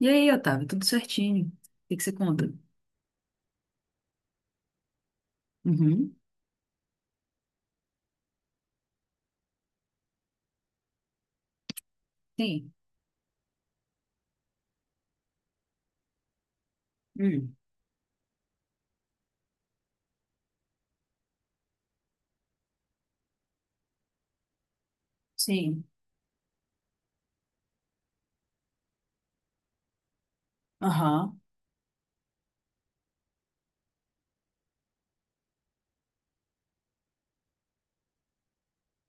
E aí, Otávio, tudo certinho? O que que você conta? Uhum. Sim. Hum. Sim. Aham.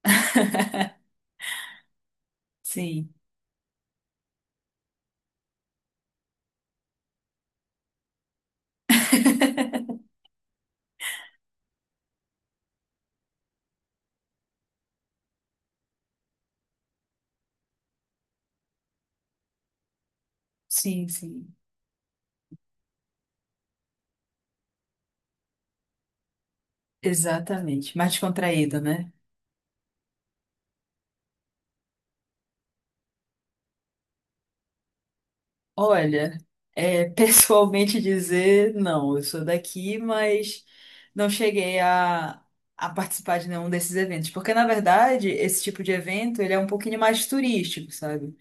Sim. Sim, sim. Exatamente. Mais descontraído, né? Olha, pessoalmente dizer, não, eu sou daqui, mas não cheguei a participar de nenhum desses eventos. Porque, na verdade, esse tipo de evento, ele é um pouquinho mais turístico, sabe?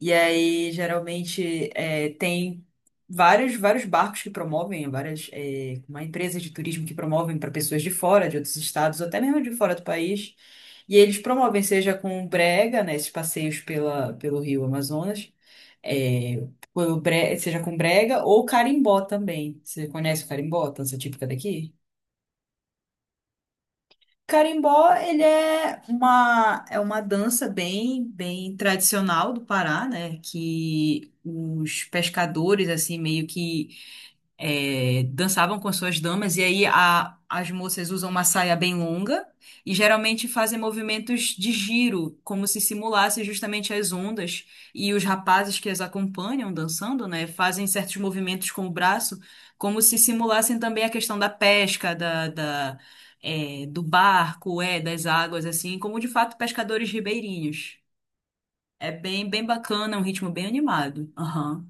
E aí, geralmente, tem vários barcos que promovem, uma empresa de turismo que promovem para pessoas de fora, de outros estados, ou até mesmo de fora do país. E eles promovem, seja com brega, né, esses passeios pelo Rio Amazonas, é, seja com brega ou carimbó também. Você conhece o carimbó, dança típica daqui? Carimbó, ele é é uma dança bem tradicional do Pará, né? Que os pescadores, assim, meio que dançavam com as suas damas, e aí as moças usam uma saia bem longa e geralmente fazem movimentos de giro, como se simulasse justamente as ondas, e os rapazes que as acompanham dançando, né, fazem certos movimentos com o braço, como se simulassem também a questão da pesca, do barco, das águas, assim, como de fato pescadores ribeirinhos. É bem bacana, é um ritmo bem animado. Aham.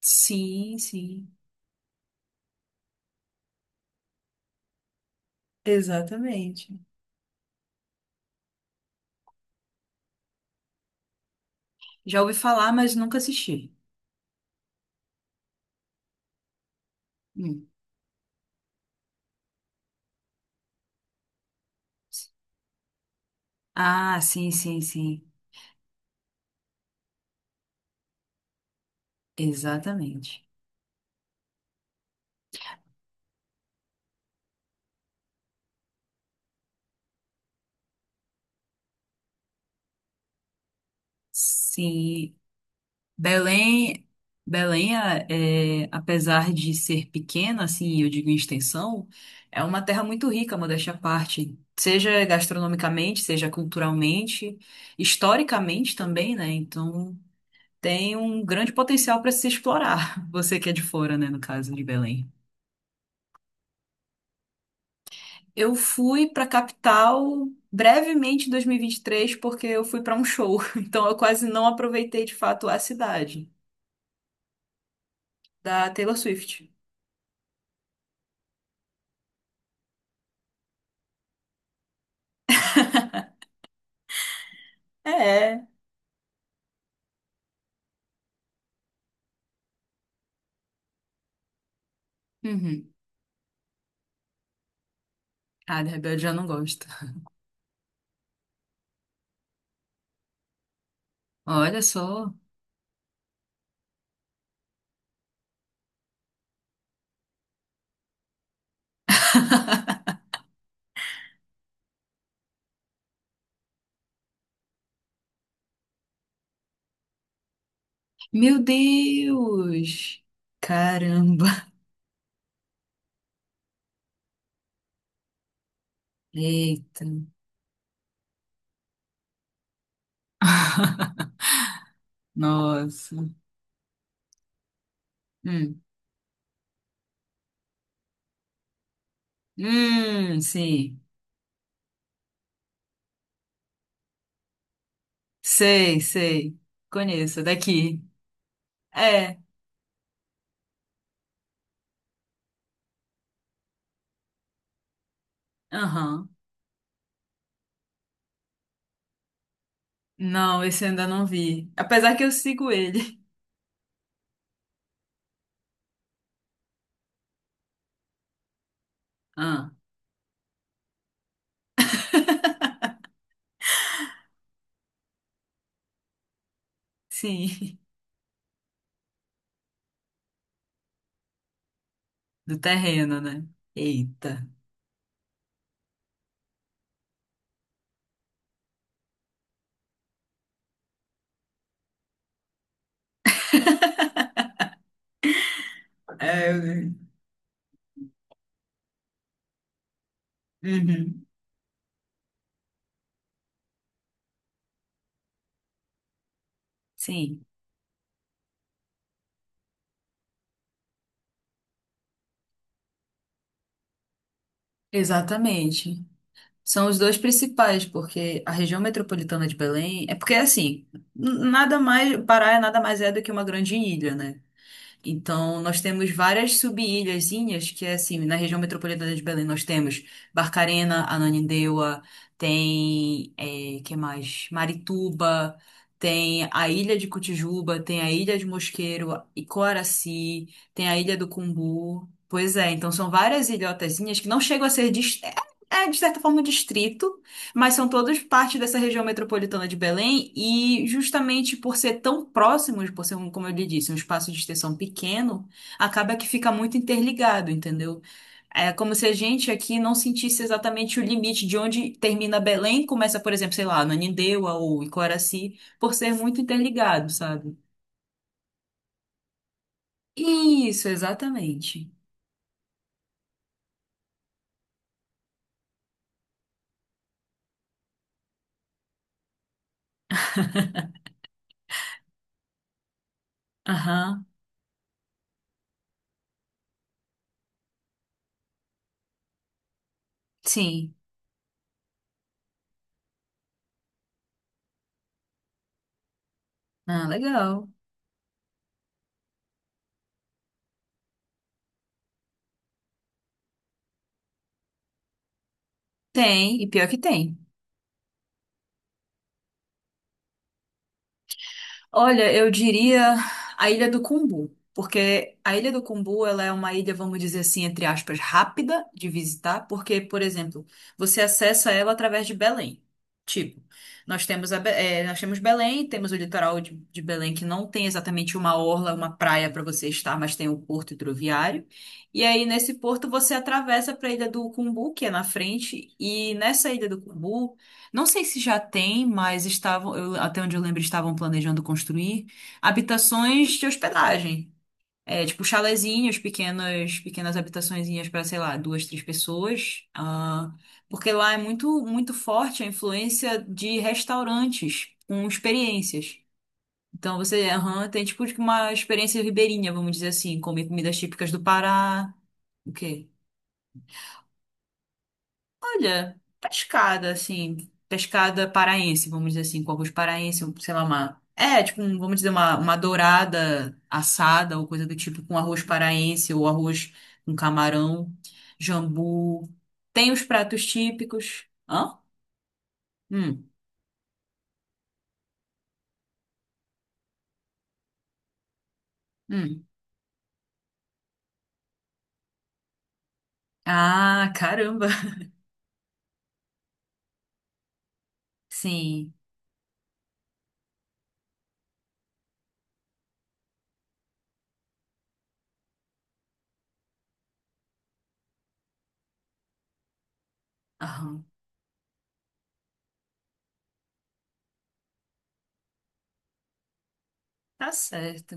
Sim, sim. Exatamente. Já ouvi falar, mas nunca assisti. Hum. Ah, sim, sim, sim. Exatamente. Sim. Belém, Belém, apesar de ser pequena, assim, eu digo em extensão, é uma terra muito rica, modéstia à parte. Seja gastronomicamente, seja culturalmente, historicamente também, né? Então, tem um grande potencial para se explorar. Você que é de fora, né? No caso de Belém. Eu fui para capital brevemente em 2023 porque eu fui para um show, então eu quase não aproveitei de fato a cidade da Taylor Swift. É. Uhum. Ah, de Rebelde já não gosto. Olha só. Meu Deus! Caramba! Eita, nossa. Hum, sim. Sei, sei. Conheço é daqui. É, aham. Não, esse eu ainda não vi. Apesar que eu sigo ele. Ah, sim. Do terreno, né? Eita. É, eu- uhum. Sim, exatamente. São os dois principais, porque a região metropolitana de Belém é porque assim, nada mais, Pará é nada mais é do que uma grande ilha, né? Então, nós temos várias sub-ilhazinhas, que é assim, na região metropolitana de Belém nós temos Barcarena, Ananindeua, tem, é, que mais? Marituba, tem a Ilha de Cotijuba, tem a Ilha de Mosqueiro, Icoaraci, tem a Ilha do Cumbu. Pois é, então são várias ilhotazinhas que não chegam a ser, de certa forma, um distrito, mas são todos parte dessa região metropolitana de Belém e justamente por ser tão próximos, por ser, um, como eu lhe disse, um espaço de extensão pequeno, acaba que fica muito interligado, entendeu? É como se a gente aqui não sentisse exatamente o limite de onde termina Belém, começa, por exemplo, sei lá, Nanindeua ou Icoraci, por ser muito interligado, sabe? Isso, exatamente. Aham, sim. Ah, legal. Tem, e pior que tem. Olha, eu diria a Ilha do Cumbu, porque a Ilha do Cumbu ela é uma ilha, vamos dizer assim, entre aspas, rápida de visitar, porque, por exemplo, você acessa ela através de Belém. Tipo, nós temos, a, Be- eh, nós temos Belém, temos o litoral de Belém, que não tem exatamente uma orla, uma praia para você estar, mas tem o porto hidroviário. E aí, nesse porto, você atravessa para a Ilha do Cumbu, que é na frente, e nessa Ilha do Cumbu. Não sei se já tem, mas estavam, até onde eu lembro, estavam planejando construir habitações de hospedagem. É, tipo chalezinhos, pequenas habitaçõezinhas para, sei lá, duas, três pessoas. Ah, porque lá é muito forte a influência de restaurantes com experiências. Então você, aham, tem tipo uma experiência ribeirinha, vamos dizer assim, comer comidas típicas do Pará. O quê? Olha, pescada, assim, pescada paraense, vamos dizer assim, com alguns paraense, sei lá, uma. É, tipo, vamos dizer, uma dourada assada ou coisa do tipo, com arroz paraense ou arroz com camarão, jambu. Tem os pratos típicos. Hã? Hum, hum. Ah, caramba! Sim. Aham. Tá certo.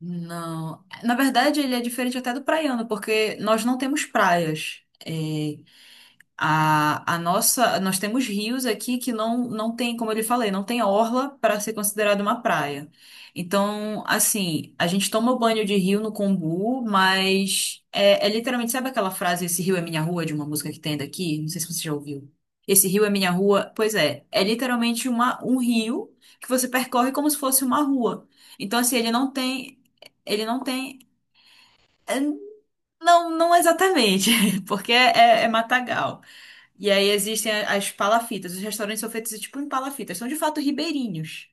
Não. Na verdade, ele é diferente até do praiano, porque nós não temos praias. A nossa, nós temos rios aqui que não tem, como eu lhe falei, não tem orla para ser considerada uma praia. Então, assim, a gente toma banho de rio no Combu, mas é literalmente, sabe aquela frase, esse rio é minha rua, de uma música que tem daqui? Não sei se você já ouviu. Esse rio é minha rua. Pois é, é literalmente um rio que você percorre como se fosse uma rua. Então, assim, ele não tem, é, não, não exatamente, porque é matagal. E aí existem as palafitas. Os restaurantes são feitos tipo em palafitas. São de fato ribeirinhos.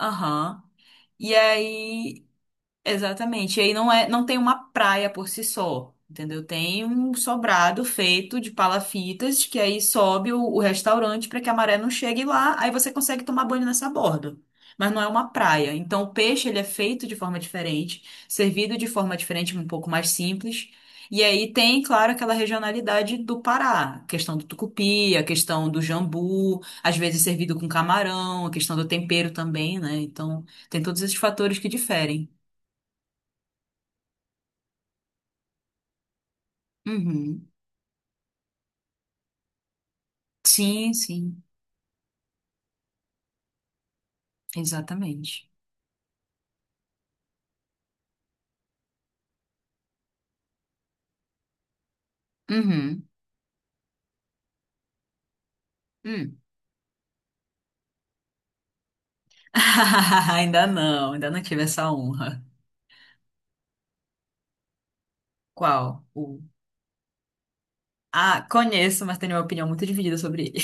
Aham. E aí Exatamente. E aí não é, não tem uma praia por si só, entendeu? Tem um sobrado feito de palafitas que aí sobe o restaurante para que a maré não chegue lá, aí você consegue tomar banho nessa borda. Mas não é uma praia. Então o peixe ele é feito de forma diferente, servido de forma diferente, um pouco mais simples. E aí tem, claro, aquela regionalidade do Pará, a questão do tucupi, a questão do jambu, às vezes servido com camarão, a questão do tempero também, né? Então tem todos esses fatores que diferem. Uhum. Sim, sim, exatamente. Uhum. Hum. Ainda não tive essa honra. Qual? O... Ah, conheço, mas tenho uma opinião muito dividida sobre ele.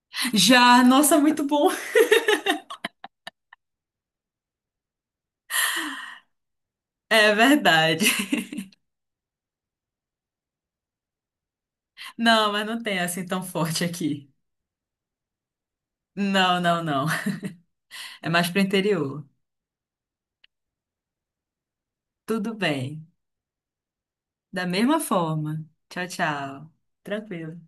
Já, nossa, muito bom. É verdade. Não, mas não tem assim tão forte aqui. Não, não, não. É mais pro interior. Tudo bem. Da mesma forma. Tchau, tchau. Tranquilo.